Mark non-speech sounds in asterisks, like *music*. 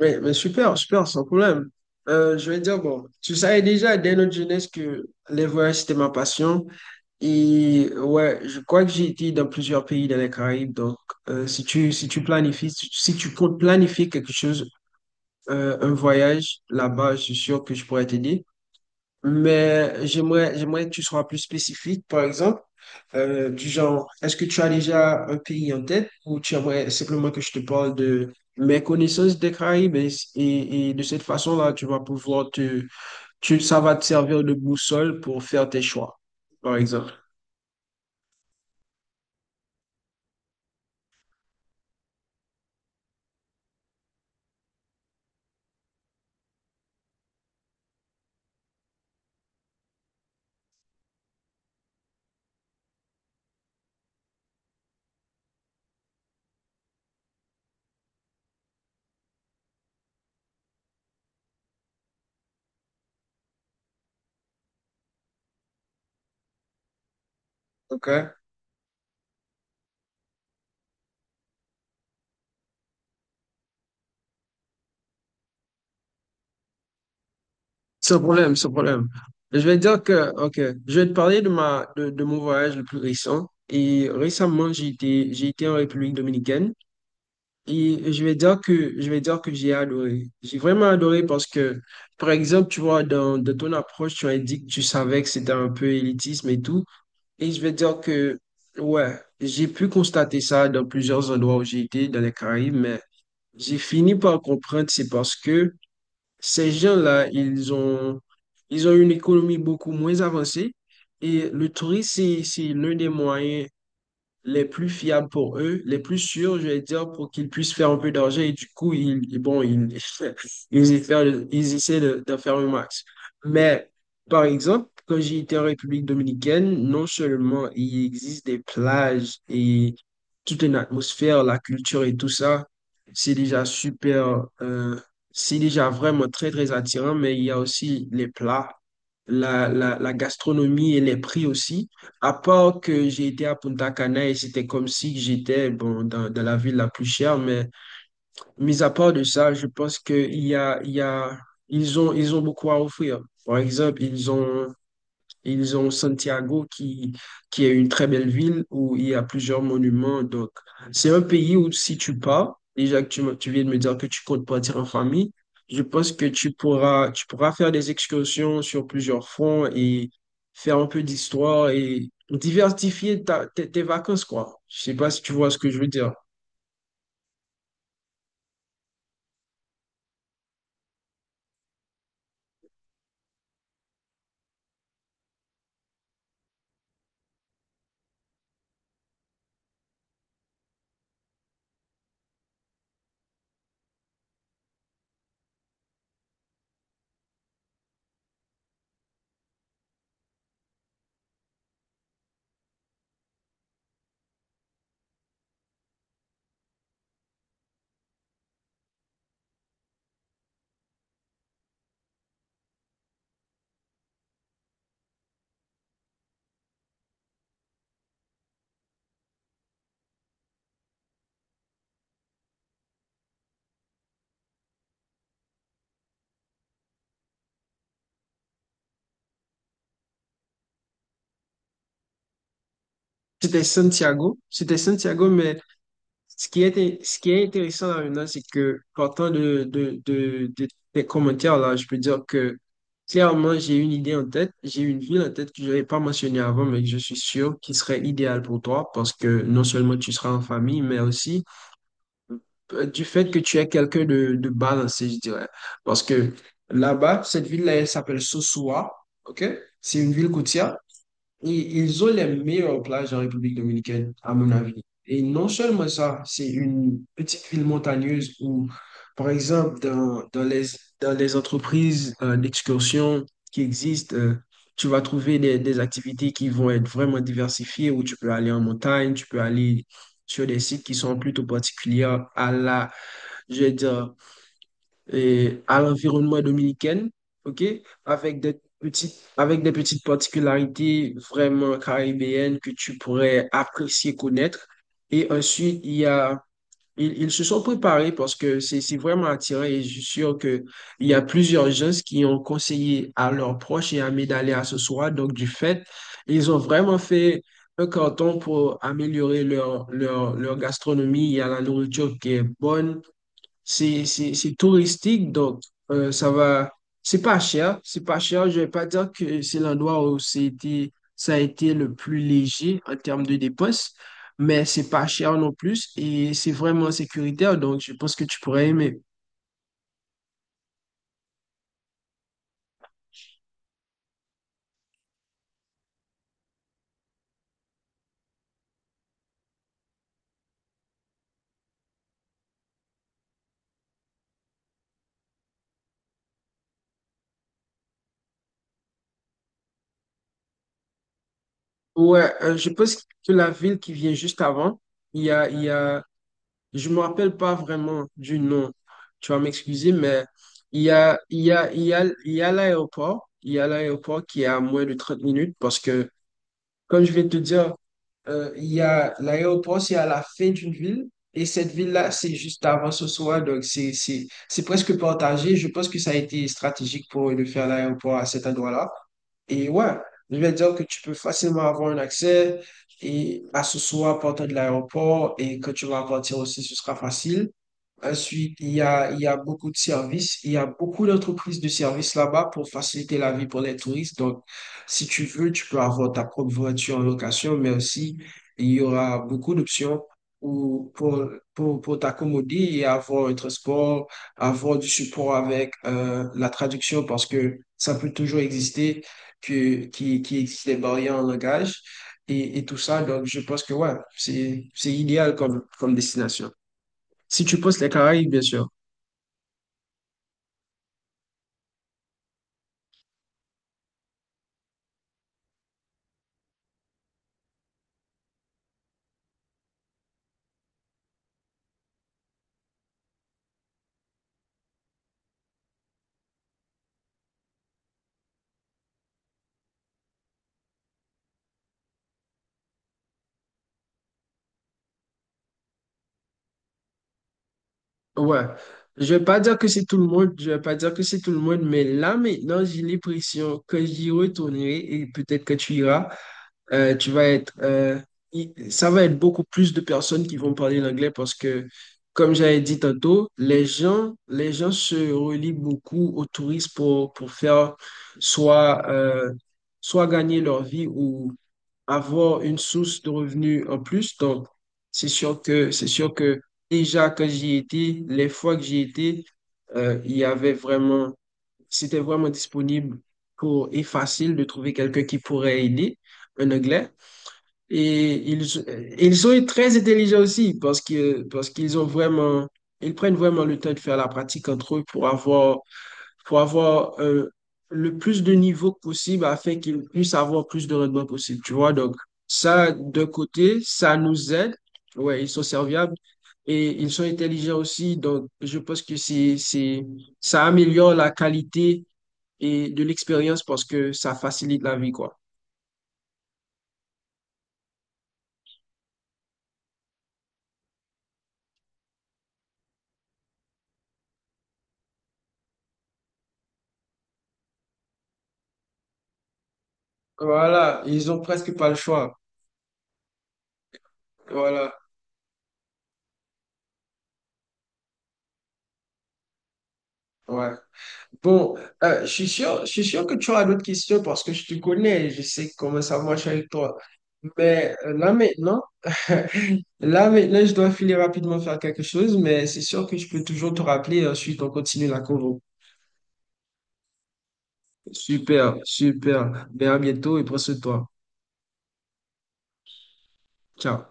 Mais super, super, sans problème. Je vais dire, bon, tu savais déjà dès notre jeunesse que les voyages, c'était ma passion. Et ouais, je crois que j'ai été dans plusieurs pays dans les Caraïbes. Donc, si tu, si tu planifies, si tu si tu comptes planifier quelque chose, un voyage là-bas, je suis sûr que je pourrais t'aider. Mais j'aimerais que tu sois plus spécifique, par exemple, du genre, est-ce que tu as déjà un pays en tête ou tu aimerais simplement que je te parle de mes connaissances des Caraïbes et de cette façon-là, tu vas pouvoir te, tu, ça va te servir de boussole pour faire tes choix, par exemple. OK? Sans problème, sans problème. Je vais dire que, OK, je vais te parler de mon voyage le plus récent. Et récemment, j'ai été en République dominicaine. Et je vais dire que j'ai adoré. J'ai vraiment adoré parce que, par exemple, tu vois, dans ton approche, tu as dit que tu savais que c'était un peu élitisme et tout. Et je vais dire que, ouais, j'ai pu constater ça dans plusieurs endroits où j'ai été, dans les Caraïbes, mais j'ai fini par comprendre, c'est parce que ces gens-là, ils ont une économie beaucoup moins avancée. Et le tourisme, c'est l'un des moyens les plus fiables pour eux, les plus sûrs, je vais dire, pour qu'ils puissent faire un peu d'argent. Et du coup, ils, et bon, ils, *laughs* ils essaient de, d'en faire le max. Mais, par exemple, quand j'ai été en République dominicaine, non seulement il existe des plages et toute une atmosphère, la culture et tout ça, c'est déjà super, c'est déjà vraiment très, très attirant, mais il y a aussi les plats, la gastronomie et les prix aussi. À part que j'ai été à Punta Cana et c'était comme si j'étais bon, dans la ville la plus chère, mais mis à part de ça, je pense que il y a, ils ont beaucoup à offrir. Par exemple, ils ont Santiago qui est une très belle ville où il y a plusieurs monuments. Donc, c'est un pays où si tu pars, déjà que tu viens de me dire que tu comptes partir en famille, je pense que tu pourras faire des excursions sur plusieurs fronts et faire un peu d'histoire et diversifier tes vacances, quoi. Je sais pas si tu vois ce que je veux dire. C'était Santiago, mais ce qui est, ce qui est intéressant là maintenant, c'est que partant de tes commentaires là, je peux dire que clairement, j'ai une idée en tête, j'ai une ville en tête que je n'avais pas mentionnée avant, mais que je suis sûr qui serait idéale pour toi parce que non seulement tu seras en famille, mais aussi du fait que tu es quelqu'un de balancé, je dirais. Parce que là-bas, cette ville-là, elle s'appelle Sosua, OK? C'est une ville côtière. Ils ont les meilleures plages en République dominicaine, à mon avis. Et non seulement ça, c'est une petite ville montagneuse où, par exemple, dans les entreprises d'excursion qui existent, tu vas trouver des activités qui vont être vraiment diversifiées, où tu peux aller en montagne, tu peux aller sur des sites qui sont plutôt particuliers à la, je veux dire, et à l'environnement dominicain, OK? Avec avec des petites particularités vraiment caribéennes que tu pourrais apprécier connaître. Et ensuite, ils se sont préparés parce que c'est vraiment attirant et je suis sûr que il y a plusieurs gens qui ont conseillé à leurs proches et amis d'aller à ce soir. Donc, du fait, ils ont vraiment fait un canton pour améliorer leur gastronomie. Il y a la nourriture qui est bonne, c'est touristique, donc ça va. C'est pas cher, c'est pas cher. Je vais pas dire que c'est l'endroit où ça a été le plus léger en termes de dépenses, mais c'est pas cher non plus et c'est vraiment sécuritaire, donc je pense que tu pourrais aimer. Ouais, je pense que la ville qui vient juste avant, il y a, il y a, je me rappelle pas vraiment du nom, tu vas m'excuser, mais il y a, il y a, il y a, il y a l'aéroport, il y a l'aéroport qui est à moins de 30 minutes. Parce que Comme je vais te dire, il y a l'aéroport, c'est à la fin d'une ville. Et cette ville-là, c'est juste avant ce soir. Donc, c'est presque partagé. Je pense que ça a été stratégique pour de faire l'aéroport à cet endroit-là. Et ouais, je vais dire que tu peux facilement avoir un accès et à ce soir, partant de l'aéroport. Et quand tu vas partir aussi, ce sera facile. Ensuite, il y a beaucoup de services, il y a beaucoup d'entreprises de services là-bas pour faciliter la vie pour les touristes. Donc, si tu veux, tu peux avoir ta propre voiture en location, mais aussi, il y aura beaucoup d'options pour t'accommoder et avoir un transport, avoir du support avec la traduction parce que ça peut toujours exister, qui existe des barrières en langage et tout ça. Donc, je pense que ouais, c'est idéal comme, comme destination. Si tu poses les Caraïbes, bien sûr. Ouais. Je vais pas dire que c'est tout le monde, je vais pas dire que c'est tout le monde, mais là maintenant, j'ai l'impression que j'y retournerai et peut-être que tu iras. Tu vas être, il- ça va être beaucoup plus de personnes qui vont parler l'anglais parce que, comme j'avais dit tantôt, les gens se relient beaucoup aux touristes pour faire soit, euh, soit gagner leur vie ou avoir une source de revenus en plus. Donc, c'est sûr que déjà quand j'y étais, les fois que j'y étais, il y avait vraiment, c'était vraiment disponible pour et facile de trouver quelqu'un qui pourrait aider un Anglais. Et ils sont très intelligents aussi parce que, parce qu'ils ont vraiment, ils prennent vraiment le temps de faire la pratique entre eux pour avoir le plus de niveaux possible afin qu'ils puissent avoir plus de rendement possible, tu vois. Donc, ça, d'un côté, ça nous aide. Ouais, ils sont serviables et ils sont intelligents aussi. Donc, je pense que ça améliore la qualité et de l'expérience parce que ça facilite la vie, quoi. Voilà, ils ont presque pas le choix. Voilà, ouais. Bon, je suis sûr que tu auras d'autres questions parce que je te connais et je sais comment ça marche avec toi. Mais là maintenant, *laughs* là maintenant, je dois filer rapidement faire quelque chose, mais c'est sûr que je peux toujours te rappeler et ensuite on continue la convo. Super, super. Ben à bientôt et prends soin de toi. Ciao.